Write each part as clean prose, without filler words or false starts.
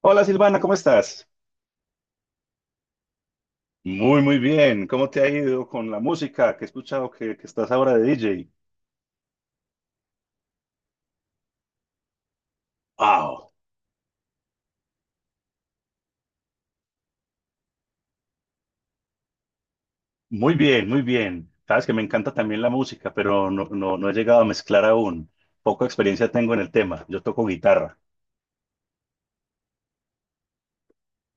Hola Silvana, ¿cómo estás? Muy bien. ¿Cómo te ha ido con la música que he escuchado que estás ahora de DJ? ¡Wow! Muy bien, muy bien. Sabes que me encanta también la música, pero no he llegado a mezclar aún. Poca experiencia tengo en el tema. Yo toco guitarra.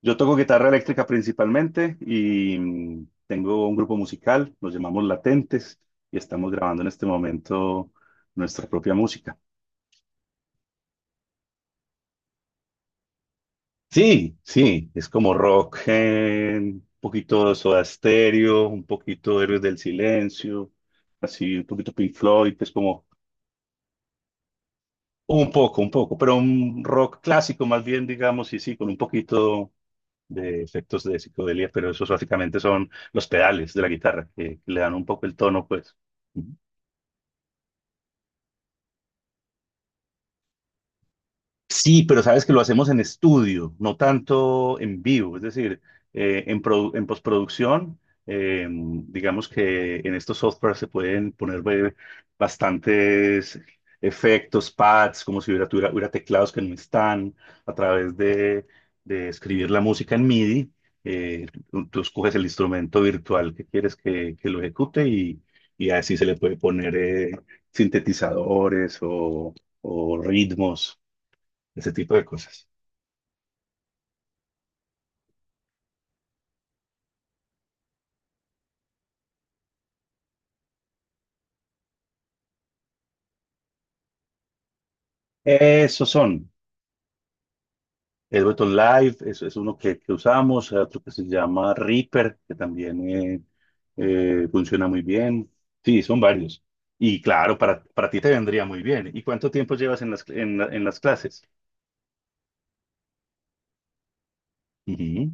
Yo toco guitarra eléctrica principalmente y tengo un grupo musical, nos llamamos Latentes y estamos grabando en este momento nuestra propia música. Sí, sí, es como rock, un poquito de Soda Stereo, un poquito de Héroes del Silencio, así un poquito Pink Floyd, pues como un poco, pero un rock clásico más bien, digamos, y sí, con un poquito de efectos de psicodelia, pero esos básicamente son los pedales de la guitarra, que le dan un poco el tono, pues. Sí, pero sabes que lo hacemos en estudio, no tanto en vivo. Es decir, en postproducción, digamos que en estos softwares se pueden poner eh, bastantes efectos, pads, como si hubiera teclados que no están, a través de escribir la música en MIDI. eh, tú escoges el instrumento virtual que que lo ejecute y así se le puede poner sintetizadores o ritmos, ese tipo de cosas. Esos son. Ableton Live es uno que usamos, hay otro que se llama Reaper, que también funciona muy bien. Sí, son varios. Y claro, para ti te vendría muy bien. ¿Y cuánto tiempo llevas en en las clases? Ujú.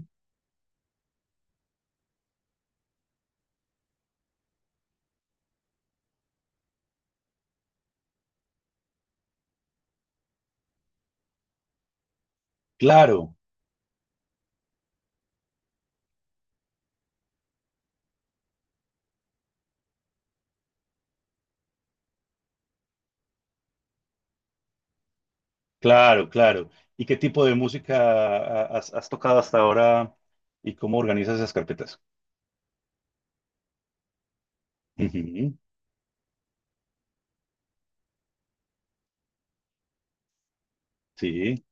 Claro, claro, claro. ¿Y qué tipo de música has tocado hasta ahora y cómo organizas esas carpetas? Ujú. Sí.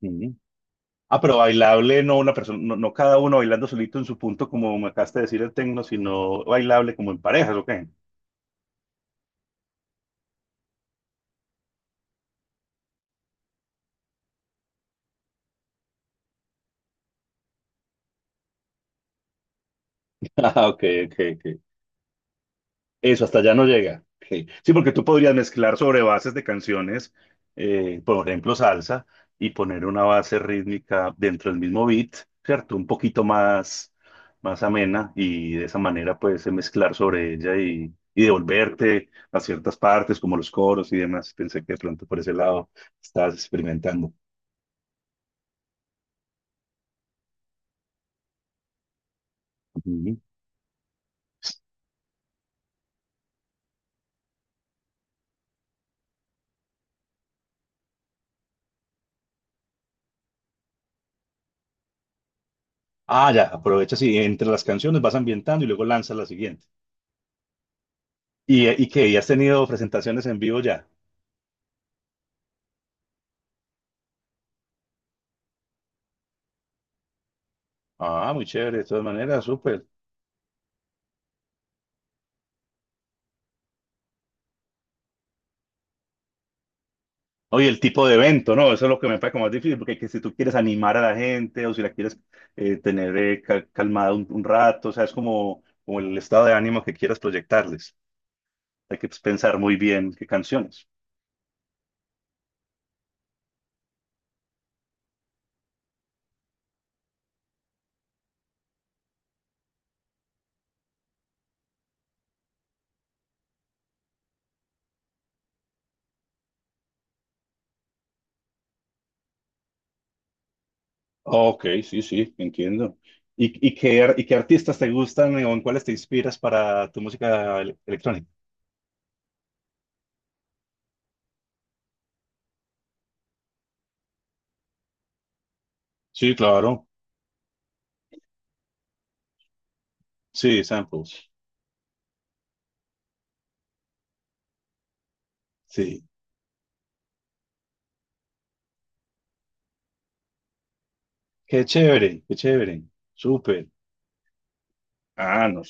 Ujú. Ah, pero bailable, no una persona, no cada uno bailando solito en su punto, como me acabaste de decir el tecno, sino bailable como en parejas, ¿ok? Ah, ok, ok, ok. Eso hasta allá no llega. Ok. Sí, porque tú podrías mezclar sobre bases de canciones, por ejemplo, salsa, y poner una base rítmica dentro del mismo beat, ¿cierto? Más amena, y de esa manera puedes mezclar sobre ella y devolverte a ciertas partes, como los coros y demás. Pensé que de pronto por ese lado estabas experimentando. Ujú. Ah, ya, aprovechas y entre las canciones vas ambientando y luego lanzas la siguiente. Y qué? ¿Y has tenido presentaciones en vivo ya? Ah, muy chévere, de todas maneras, súper. Oye, el tipo de evento, ¿no? Eso es lo que me parece como más difícil, porque que si tú quieres animar a la gente o si la quieres tener calmada un rato, o sea, es como, como el estado de ánimo que quieras proyectarles. Hay que, pues, pensar muy bien qué canciones. Ok, sí, sí, entiendo. ¿Y, y qué artistas te gustan o en cuáles te inspiras para tu música electrónica? Sí, claro. Sí, samples. Sí. Qué chévere, qué chévere. Súper. Ah, no.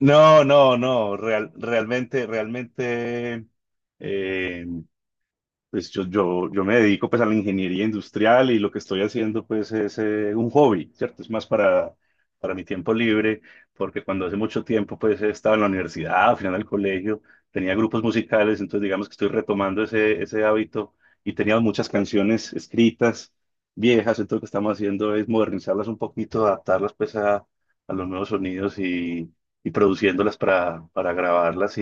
No, no, no. Realmente. eh, Pues yo me dedico pues a la ingeniería industrial y lo que estoy haciendo pues es un hobby, ¿cierto? Es más para mi tiempo libre, porque cuando hace mucho tiempo pues estaba en la universidad, al final del colegio, tenía grupos musicales, entonces digamos que estoy retomando ese hábito y tenía muchas canciones escritas, viejas, entonces lo que estamos haciendo es modernizarlas un poquito, adaptarlas pues a los nuevos sonidos y produciéndolas para grabarlas.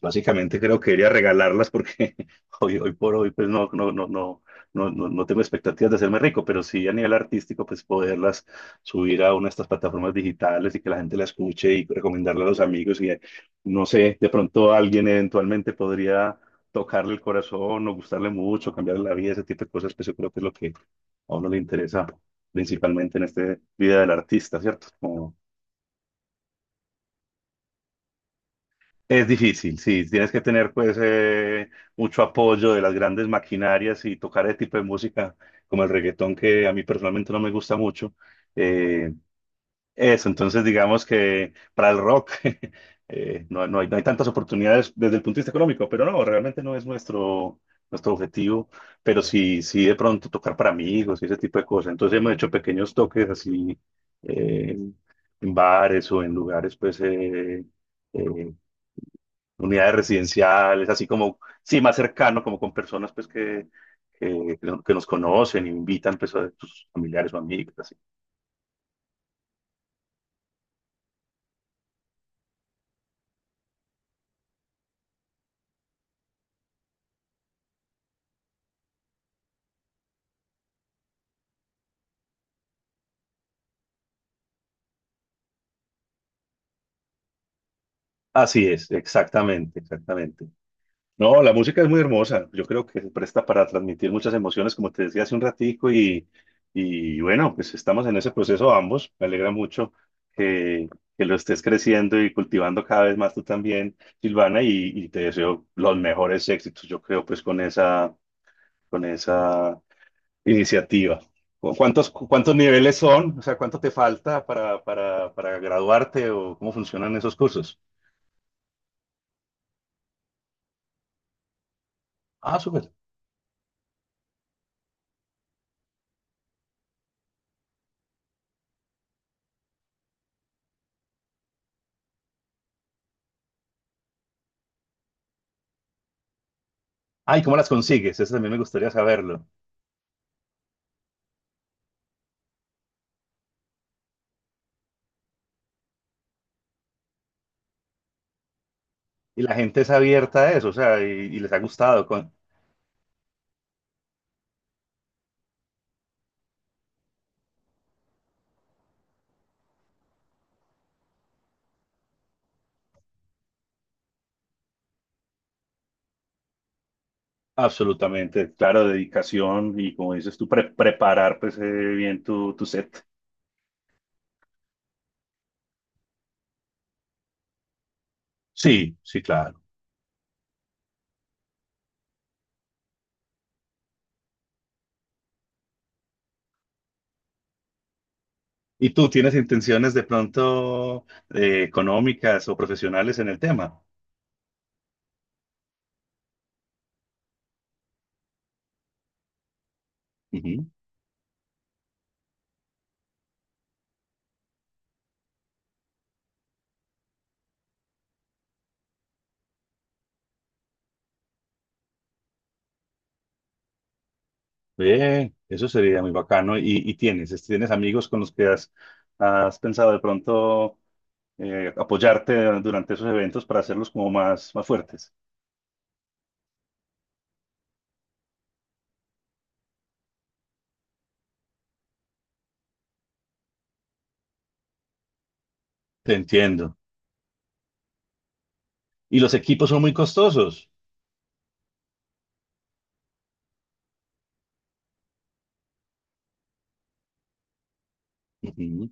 Básicamente creo que debería regalarlas porque hoy por hoy pues no tengo expectativas de hacerme rico, pero sí a nivel artístico pues poderlas subir a una de estas plataformas digitales y que la gente la escuche y recomendarla a los amigos y no sé, de pronto alguien eventualmente podría tocarle el corazón o gustarle mucho, cambiarle la vida, ese tipo de cosas, pues yo creo que es lo que a uno le interesa principalmente en esta vida del artista, ¿cierto? Como... Es difícil, sí, tienes que tener pues mucho apoyo de las grandes maquinarias y tocar ese tipo de música como el reggaetón, que a mí personalmente no me gusta mucho. Eh, entonces digamos que para el rock no hay no hay tantas oportunidades desde el punto de vista económico, pero no, realmente no es nuestro objetivo, pero sí, sí de pronto tocar para amigos y ese tipo de cosas. Entonces hemos hecho pequeños toques así eh, en bares o en lugares pues... eh, unidades residenciales, así como, sí, más cercano, como con personas pues que nos conocen, invitan pues a sus familiares o amigos, así. Así es, exactamente, exactamente. No, la música es muy hermosa, yo creo que se presta para transmitir muchas emociones, como te decía hace un ratico, y bueno, pues estamos en ese proceso ambos, me alegra mucho que, que lo estés creciendo y cultivando cada vez más tú también, Silvana, y te deseo los mejores éxitos, yo creo pues con esa iniciativa. ¿Cuántos, cuántos niveles son? O sea, ¿cuánto te falta para graduarte o cómo funcionan esos cursos? Ah, súper. Ah, ¿y cómo las consigues? Eso también me gustaría saberlo. Y la gente es abierta a eso, o sea, y les ha gustado. Con... Absolutamente, claro, dedicación y como dices tú, preparar pues bien tu set. Sí, sí, claro. ¿Y tú tienes intenciones de pronto económicas o profesionales en el tema? Ujú. Bien, eso sería muy bacano. Y tienes amigos con los que has pensado de pronto apoyarte durante esos eventos para hacerlos como más fuertes? Te entiendo. Y los equipos son muy costosos. Ujú.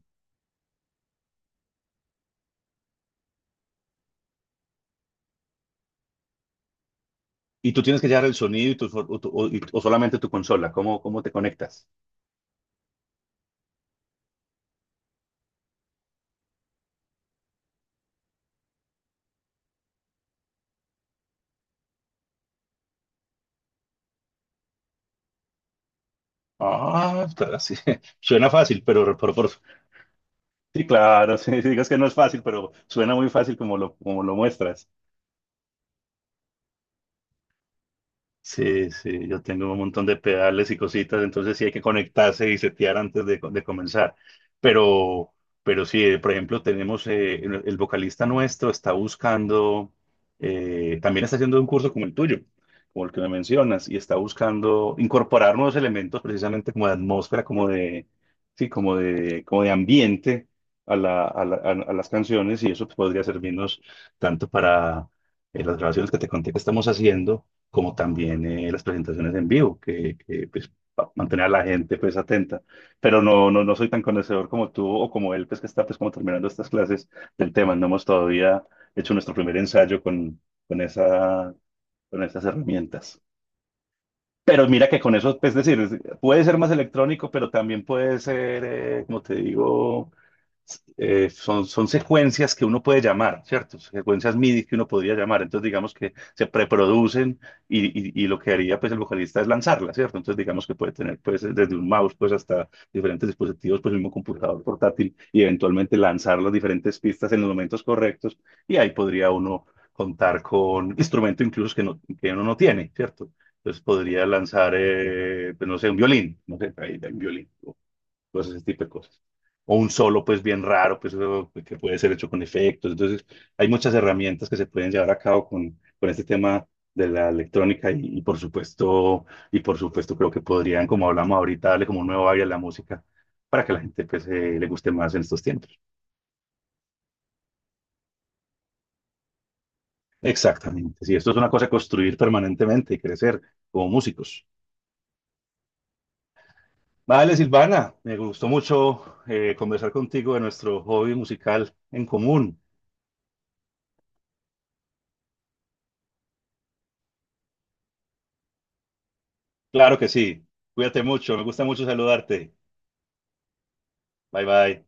Y tú tienes que llevar el sonido y o solamente tu consola. ¿Cómo, cómo te conectas? Ah, claro, sí. Suena fácil, pero sí, claro, sí, digas que no es fácil, pero suena muy fácil como como lo muestras. Sí, sí, yo tengo un montón de pedales y cositas, entonces sí hay que conectarse y setear antes de comenzar. Pero, pero sí, por ejemplo, tenemos el vocalista nuestro está buscando, también está haciendo un curso como el tuyo, como el que me mencionas, y está buscando incorporar nuevos elementos precisamente como de atmósfera, como de, sí, como como de ambiente a a las canciones, y eso pues, podría servirnos tanto para las grabaciones que te conté que estamos haciendo como también las presentaciones en vivo, pues, mantener a la gente pues atenta. Pero no soy tan conocedor como tú o como él, pues que está pues como terminando estas clases del tema. No hemos todavía hecho nuestro primer ensayo con con esas herramientas. Pero mira que con eso, pues, es decir, puede ser más electrónico, pero también puede ser, como te digo, son secuencias que uno puede llamar, ¿cierto? Secuencias MIDI que uno podría llamar. Entonces, digamos que se preproducen y, y lo que haría pues el vocalista es lanzarlas, ¿cierto? Entonces, digamos que puede tener pues desde un mouse pues hasta diferentes dispositivos, pues el mismo computador portátil y eventualmente lanzar las diferentes pistas en los momentos correctos y ahí podría uno contar con instrumento incluso que, no, que uno no tiene, ¿cierto? Entonces podría lanzar, pues, no sé, un violín, no sé, ahí hay un violín cosas, ese tipo de cosas. O un solo, pues bien raro, pues eso que puede ser hecho con efectos. Entonces, hay muchas herramientas que se pueden llevar a cabo con este tema de la electrónica y, y por supuesto creo que podrían, como hablamos ahorita, darle como un nuevo aire a la música para que la gente pues, le guste más en estos tiempos. Exactamente, sí, esto es una cosa de construir permanentemente y crecer como músicos. Vale, Silvana, me gustó mucho conversar contigo de nuestro hobby musical en común. Claro que sí. Cuídate mucho. Me gusta mucho saludarte. Bye bye.